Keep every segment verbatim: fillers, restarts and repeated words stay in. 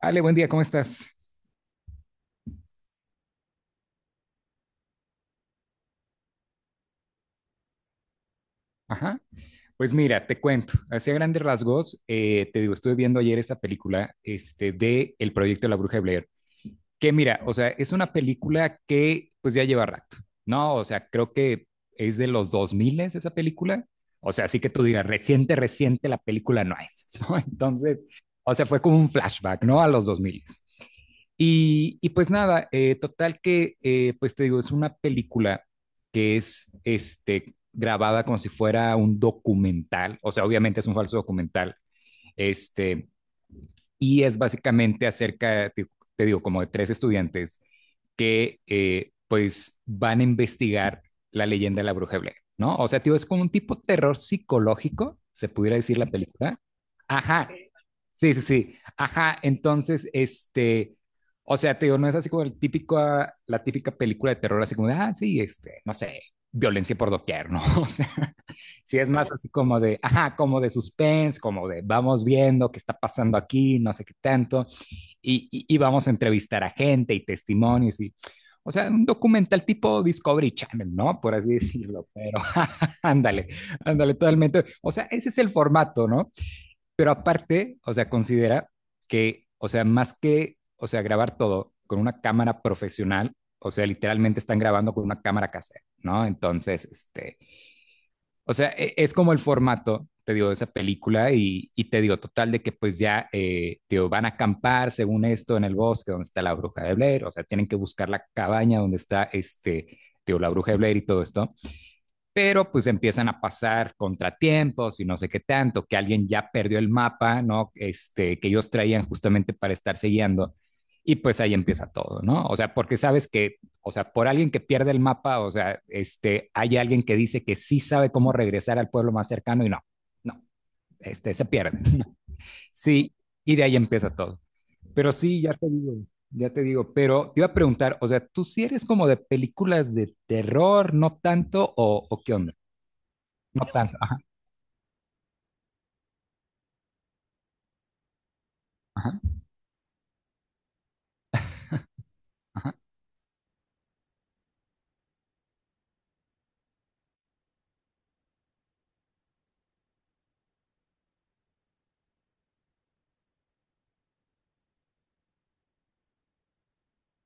Ale, buen día, ¿cómo estás? Ajá. Pues mira, te cuento, así a grandes rasgos, eh, te digo, estuve viendo ayer esa película este, de El proyecto de la Bruja de Blair. Que mira, o sea, es una película que pues ya lleva rato, ¿no? O sea, creo que es de los dos mil esa película. O sea, así que tú digas, reciente, reciente, la película no es, ¿no? Entonces, o sea, fue como un flashback, ¿no? A los dos mil. Y, y pues nada, eh, total que, eh, pues te digo, es una película que es este, grabada como si fuera un documental, o sea, obviamente es un falso documental, este, y es básicamente acerca, te, te digo, como de tres estudiantes que eh, pues van a investigar la leyenda de la bruja de Blair, ¿no? O sea, tío, es como un tipo terror psicológico, se pudiera decir la película. Ajá, sí, sí, sí, ajá, entonces, este, o sea, tío, no es así como el típico, ah, la típica película de terror, así como, de, ah, sí, este, no sé, violencia por doquier, ¿no? O sea, sí es más así como de, ajá, como de suspense, como de, vamos viendo qué está pasando aquí, no sé qué tanto y, y, y vamos a entrevistar a gente y testimonios y, o sea, un documental tipo Discovery Channel, ¿no? Por así decirlo, pero ándale, ándale totalmente. O sea, ese es el formato, ¿no? Pero aparte, o sea, considera que, o sea, más que, o sea, grabar todo con una cámara profesional, o sea, literalmente están grabando con una cámara casera, ¿no? Entonces, este, o sea, e- es como el formato, te digo, de esa película y, y te digo, total, de que pues ya, eh, te digo, van a acampar según esto en el bosque donde está la bruja de Blair, o sea, tienen que buscar la cabaña donde está este, te digo, la bruja de Blair y todo esto pero pues empiezan a pasar contratiempos y no sé qué tanto, que alguien ya perdió el mapa, ¿no? Este, que ellos traían justamente para estarse guiando. Y pues ahí empieza todo, ¿no? O sea, porque sabes que, o sea, por alguien que pierde el mapa, o sea, este, hay alguien que dice que sí sabe cómo regresar al pueblo más cercano y no, no, este, se pierde. Sí, y de ahí empieza todo. Pero sí, ya te digo, ya te digo, pero te iba a preguntar, o sea, ¿tú si sí eres como de películas de terror, no tanto, o, o qué onda? No tanto. Ajá, ajá, ajá,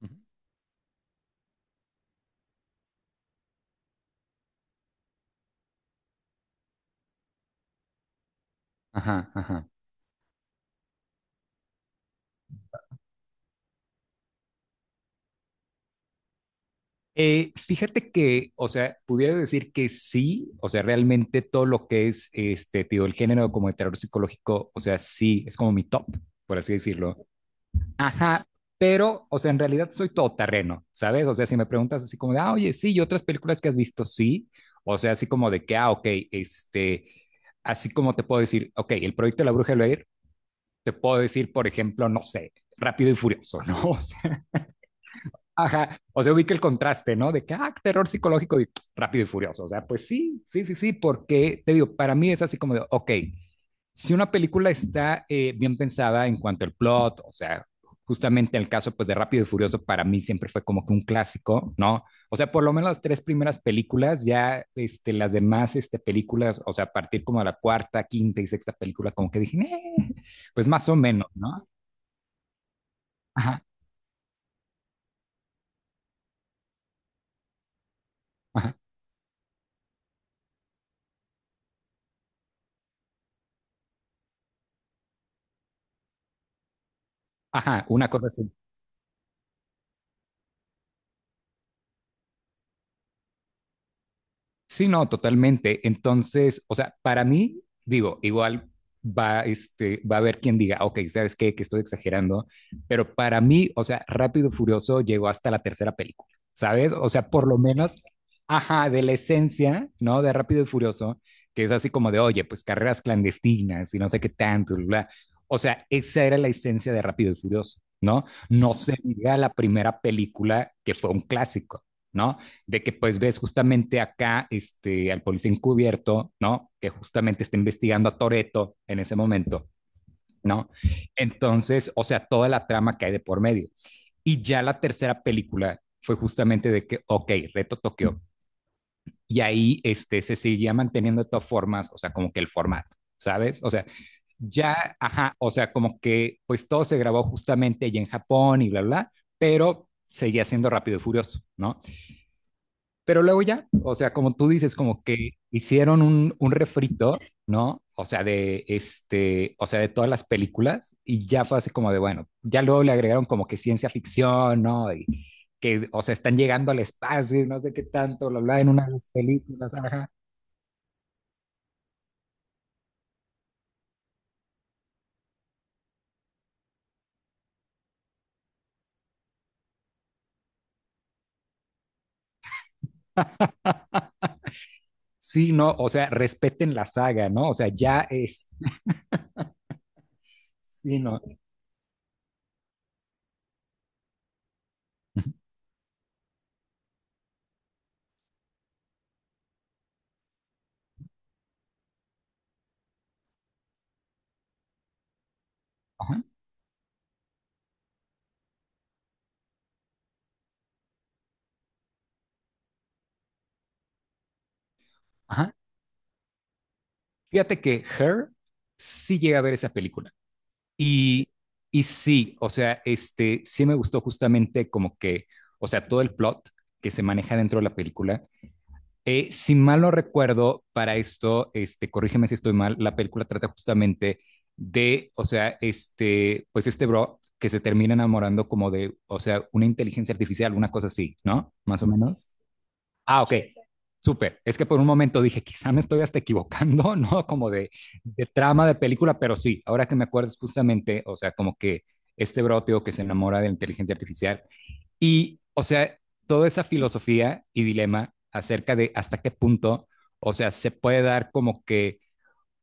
ujú, ajá, ajá. Eh, fíjate que, o sea, pudiera decir que sí, o sea, realmente todo lo que es, este, tío, el género como de terror psicológico, o sea, sí, es como mi top, por así decirlo. Ajá, pero, o sea, en realidad soy todoterreno, ¿sabes? O sea, si me preguntas así como de, ah, oye, sí, y otras películas que has visto, sí, o sea, así como de que, ah, ok, este, así como te puedo decir, ok, el proyecto de la Bruja de Blair, te puedo decir, por ejemplo, no sé, Rápido y Furioso, ¿no? O sea, ajá, o sea, ubica el contraste, ¿no? De que, ah, terror psicológico y rápido y furioso. O sea, pues sí, sí, sí, sí, porque te digo, para mí es así como de, ok, si una película está eh, bien pensada en cuanto al plot, o sea, justamente en el caso pues de Rápido y Furioso para mí siempre fue como que un clásico, ¿no? O sea, por lo menos las tres primeras películas, ya este, las demás este, películas, o sea, a partir como de la cuarta, quinta y sexta película, como que dije, "Eh", pues más o menos, ¿no? Ajá, ajá, ajá, una cosa así. Sí, no, totalmente. Entonces, o sea, para mí, digo, igual va, este, va a haber quien diga, ok, ¿sabes qué? Que estoy exagerando, pero para mí, o sea, Rápido y Furioso llegó hasta la tercera película, ¿sabes? O sea, por lo menos, ajá, de la esencia, ¿no? De Rápido y Furioso, que es así como de, oye, pues carreras clandestinas y no sé qué tanto, bla, bla. O sea, esa era la esencia de Rápido y Furioso, ¿no? No se diga la primera película que fue un clásico. ¿No? De que pues ves justamente acá este, al policía encubierto, ¿no? Que justamente está investigando a Toreto en ese momento, ¿no? Entonces, o sea, toda la trama que hay de por medio. Y ya la tercera película fue justamente de que, ok, reto Tokio. Y ahí este, se seguía manteniendo de todas formas, o sea, como que el formato, ¿sabes? O sea, ya, ajá, o sea, como que pues todo se grabó justamente allí en Japón y bla, bla, bla pero seguía siendo rápido y furioso, ¿no? Pero luego ya, o sea, como tú dices, como que hicieron un, un refrito, ¿no? O sea, de este, o sea, de todas las películas y ya fue así como de, bueno, ya luego le agregaron como que ciencia ficción, ¿no? Y que, o sea, están llegando al espacio y no sé qué tanto, lo habla en una de las películas, ajá. Sí, no, o sea, respeten la saga, ¿no? O sea, ya es, sí, no. Ajá, ajá. Fíjate que Her sí llega a ver esa película. Y, y sí, o sea, este, sí me gustó justamente como que, o sea, todo el plot que se maneja dentro de la película. Eh, si mal no recuerdo, para esto, este, corrígeme si estoy mal, la película trata justamente de, o sea, este, pues este bro que se termina enamorando como de, o sea, una inteligencia artificial, una cosa así, ¿no? Más o menos. Ah, ok. Súper. Es que por un momento dije, quizá me estoy hasta equivocando, ¿no? Como de, de trama de película, pero sí, ahora que me acuerdas justamente, o sea, como que este broteo que se enamora de la inteligencia artificial y, o sea, toda esa filosofía y dilema acerca de hasta qué punto, o sea, se puede dar como que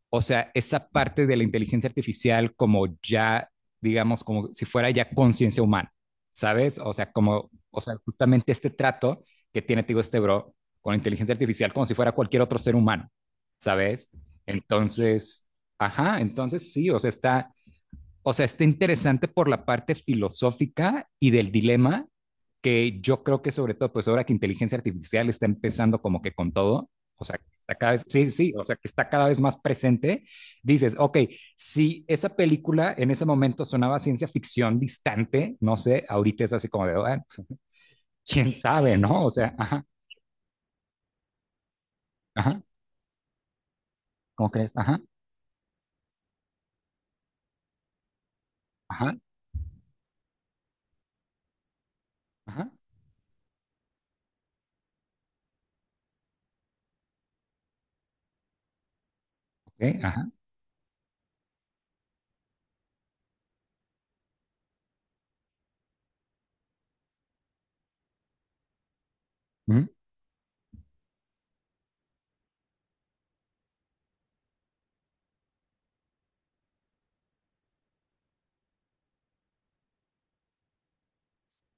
o sea, esa parte de la inteligencia artificial como ya, digamos, como si fuera ya conciencia humana, ¿sabes? O sea, como, o sea, justamente este trato que tiene, te digo, este bro con la inteligencia artificial como si fuera cualquier otro ser humano, ¿sabes? Entonces, ajá, entonces sí, o sea, está, o sea, está interesante por la parte filosófica y del dilema que yo creo que sobre todo, pues ahora que inteligencia artificial está empezando como que con todo, o sea, está cada vez, sí, sí, o sea, que está cada vez más presente, dices, ok, si esa película en ese momento sonaba ciencia ficción distante, no sé, ahorita es así como de, "Ah, quién sabe", ¿no? O sea, ajá, ajá, ¿cómo crees? Ajá, ajá, ajá, ok, ajá, mm,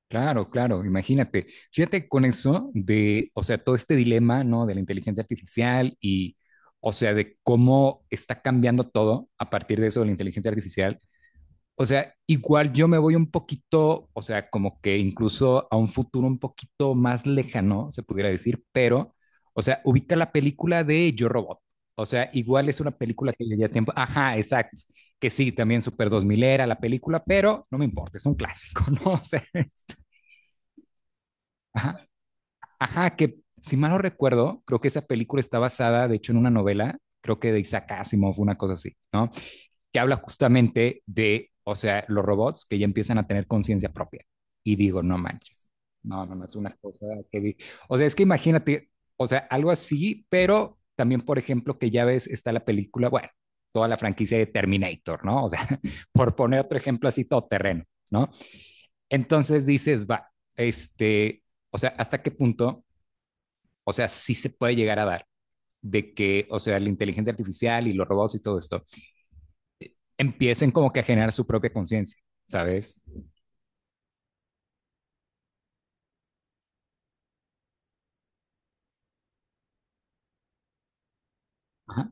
claro, claro, imagínate. Fíjate con eso de, o sea, todo este dilema, ¿no? De la inteligencia artificial y, o sea, de cómo está cambiando todo a partir de eso de la inteligencia artificial. O sea, igual yo me voy un poquito, o sea, como que incluso a un futuro un poquito más lejano, se pudiera decir, pero, o sea, ubica la película de Yo Robot. O sea, igual es una película que ya lleva tiempo. Ajá, exacto. Que sí, también Super dos mil era la película, pero no me importa, es un clásico, ¿no? O sea, ajá. Ajá, que si mal no recuerdo, creo que esa película está basada, de hecho, en una novela, creo que de Isaac Asimov, una cosa así, ¿no? Que habla justamente de, o sea, los robots que ya empiezan a tener conciencia propia. Y digo, no manches. No, no, no, es una cosa que di- o sea, es que imagínate, o sea, algo así, pero también, por ejemplo, que ya ves, está la película, bueno, toda la franquicia de Terminator, ¿no? O sea, por poner otro ejemplo así, todoterreno, ¿no? Entonces dices, va, este, o sea, ¿hasta qué punto o sea, sí se puede llegar a dar de que, o sea, la inteligencia artificial y los robots y todo esto empiecen como que a generar su propia conciencia, ¿sabes? Ajá,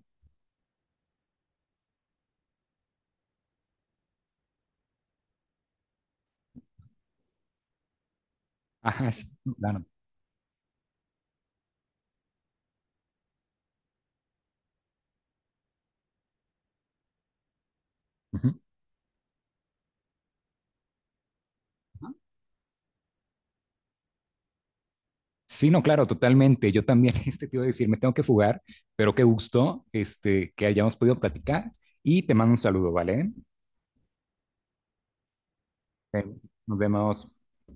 ajá, sí, claro. Ujú. Sí, no, claro, totalmente. Yo también este te iba a decir, me tengo que fugar, pero qué gusto este, que hayamos podido platicar y te mando un saludo, ¿vale? Ven, nos vemos.